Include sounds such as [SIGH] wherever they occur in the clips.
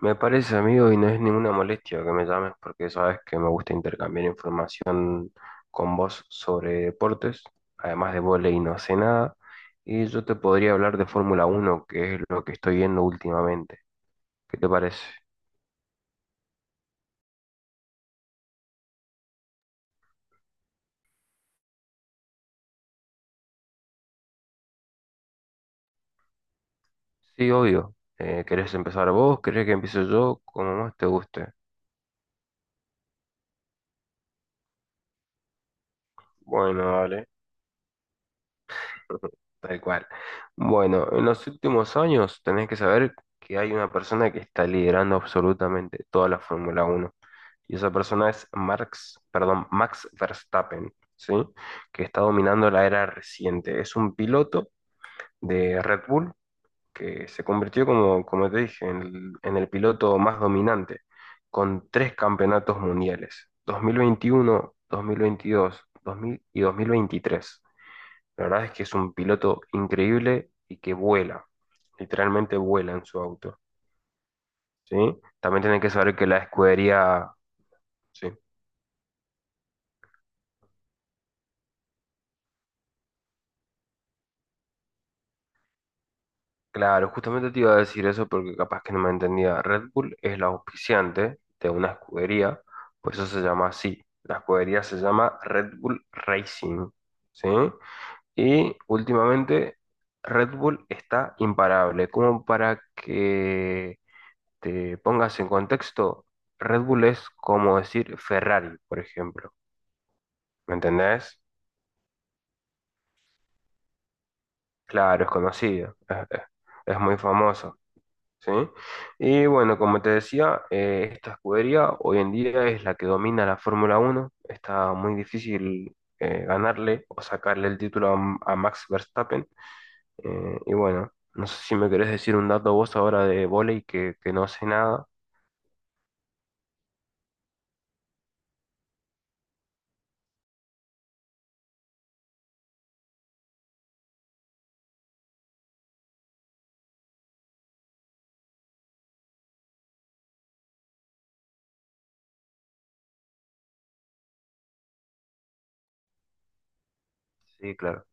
Me parece, amigo, y no es ninguna molestia que me llames porque sabes que me gusta intercambiar información con vos sobre deportes. Además de vóley no sé nada. Y yo te podría hablar de Fórmula uno que es lo que estoy viendo últimamente. ¿Qué te parece? Sí, obvio. ¿Querés empezar vos? ¿Querés que empiece yo? Como más te guste. Bueno, dale. [LAUGHS] Tal cual. Bueno, en los últimos años tenés que saber que hay una persona que está liderando absolutamente toda la Fórmula uno. Y esa persona es Max Verstappen, ¿sí? Que está dominando la era reciente. Es un piloto de Red Bull que se convirtió, como te dije, en el piloto más dominante, con tres campeonatos mundiales, 2021, 2022, 2000 y 2023. La verdad es que es un piloto increíble y que vuela, literalmente vuela en su auto, ¿sí? También tienen que saber que la escudería, sí, claro, justamente te iba a decir eso porque capaz que no me entendía. Red Bull es la auspiciante de una escudería, por eso se llama así. La escudería se llama Red Bull Racing, ¿sí? Y últimamente Red Bull está imparable. Como para que te pongas en contexto, Red Bull es como decir Ferrari, por ejemplo. ¿Me entendés? Claro, es conocido, es muy famoso. ¿Sí? Y bueno, como te decía, esta escudería hoy en día es la que domina la Fórmula uno. Está muy difícil ganarle o sacarle el título a, Max Verstappen. Y bueno, no sé si me querés decir un dato vos ahora de vóley que no sé nada. Sí, claro.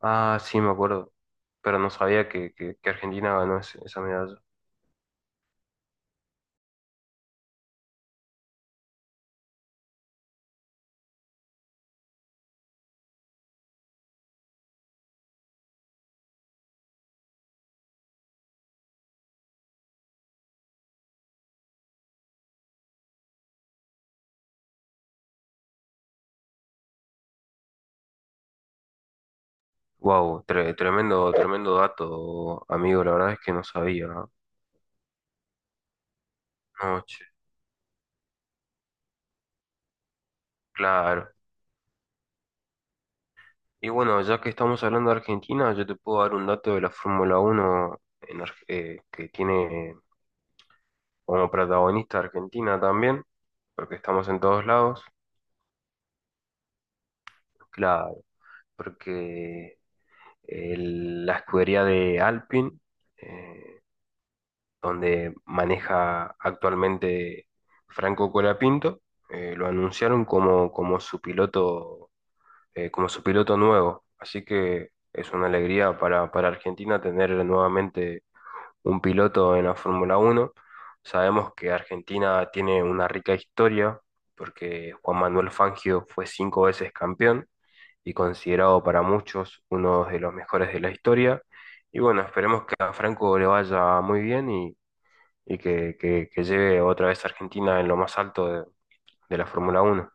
Ah, sí, me acuerdo, pero no sabía que Argentina ganó esa medalla. Wow, tremendo, tremendo dato, amigo. La verdad es que no sabía. ¿No? No, che, claro. Y bueno, ya que estamos hablando de Argentina, yo te puedo dar un dato de la Fórmula Uno en que tiene como protagonista Argentina también, porque estamos en todos lados. Claro, porque la escudería de Alpine, eh, donde maneja actualmente Franco Colapinto, lo anunciaron como su piloto nuevo. Así que es una alegría para Argentina tener nuevamente un piloto en la Fórmula Uno. Sabemos que Argentina tiene una rica historia porque Juan Manuel Fangio fue cinco veces campeón y considerado para muchos uno de los mejores de la historia. Y bueno, esperemos que a Franco le vaya muy bien y que lleve otra vez a Argentina en lo más alto de la Fórmula Uno.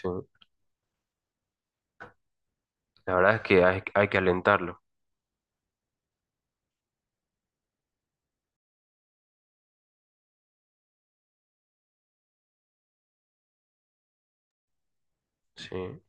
Sí. La verdad es que hay que alentarlo. Sí.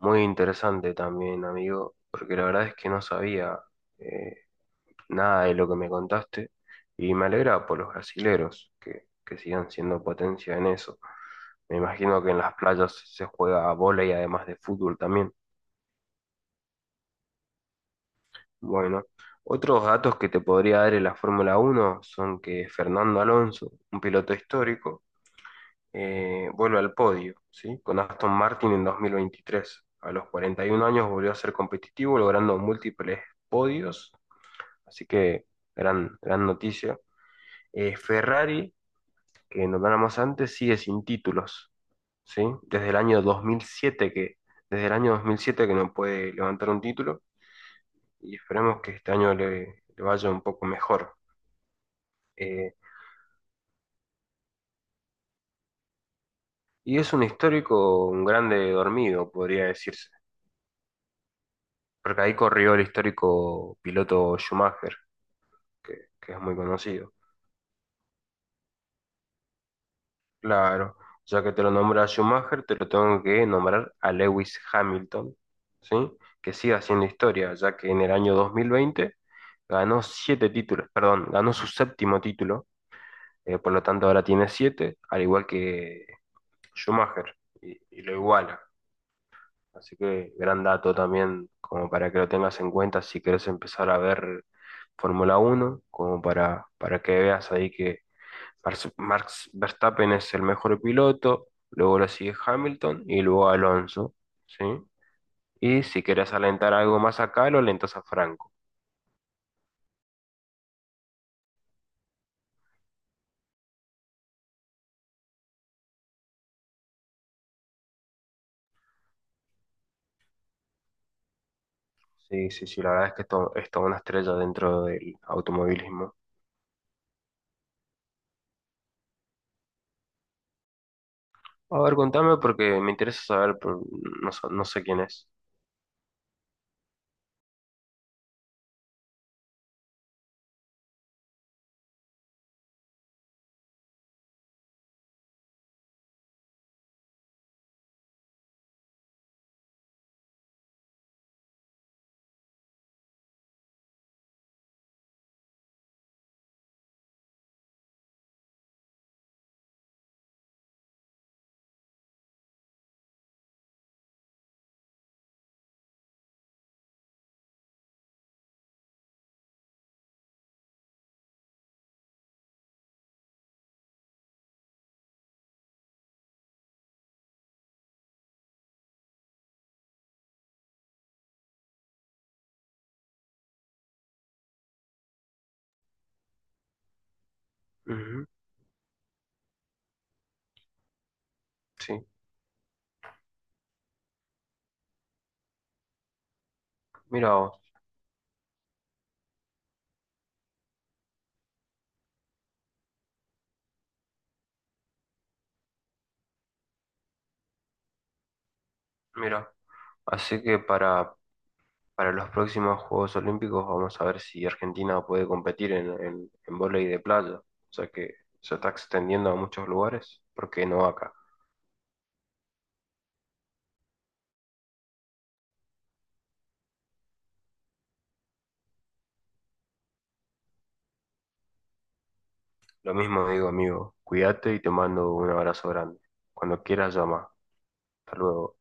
Muy interesante también, amigo, porque la verdad es que no sabía. eh, Nada de lo que me contaste y me alegra por los brasileros que sigan siendo potencia en eso. Me imagino que en las playas se juega bola y además de fútbol también. Bueno, otros datos que te podría dar en la Fórmula uno son que Fernando Alonso, un piloto histórico, vuelve al podio, ¿sí? Con Aston Martin en 2023. A los 41 años volvió a ser competitivo, logrando múltiples podios, así que gran, gran noticia. Ferrari que nombramos antes sigue sin títulos, ¿sí? Desde el año 2007 que no puede levantar un título y esperemos que este año le vaya un poco mejor. Eh, y es un histórico, un grande dormido, podría decirse, porque ahí corrió el histórico piloto Schumacher, que es muy conocido. Claro, ya que te lo nombré a Schumacher, te lo tengo que nombrar a Lewis Hamilton, ¿sí? Que sigue haciendo historia, ya que en el año 2020 ganó ganó su séptimo título, por lo tanto ahora tiene siete, al igual que Schumacher, y lo iguala. Así que gran dato también, como para que lo tengas en cuenta si quieres empezar a ver Fórmula Uno, como para que veas ahí que Max Verstappen es el mejor piloto, luego lo sigue Hamilton y luego Alonso, ¿sí? Y si querés alentar algo más acá, lo alentas a Franco. Sí, sí, sí, la verdad es que esto es toda una estrella dentro del automovilismo. A ver, contame porque me interesa saber, pero no, no sé quién es. Ujú, sí, mira vos, mira. Así que para, Para los próximos Juegos Olímpicos vamos a ver si Argentina puede competir en vóley de playa, o sea que se está extendiendo a muchos lugares, ¿por qué no acá? Lo mismo digo, amigo, cuídate y te mando un abrazo grande. Cuando quieras, llama. Hasta luego.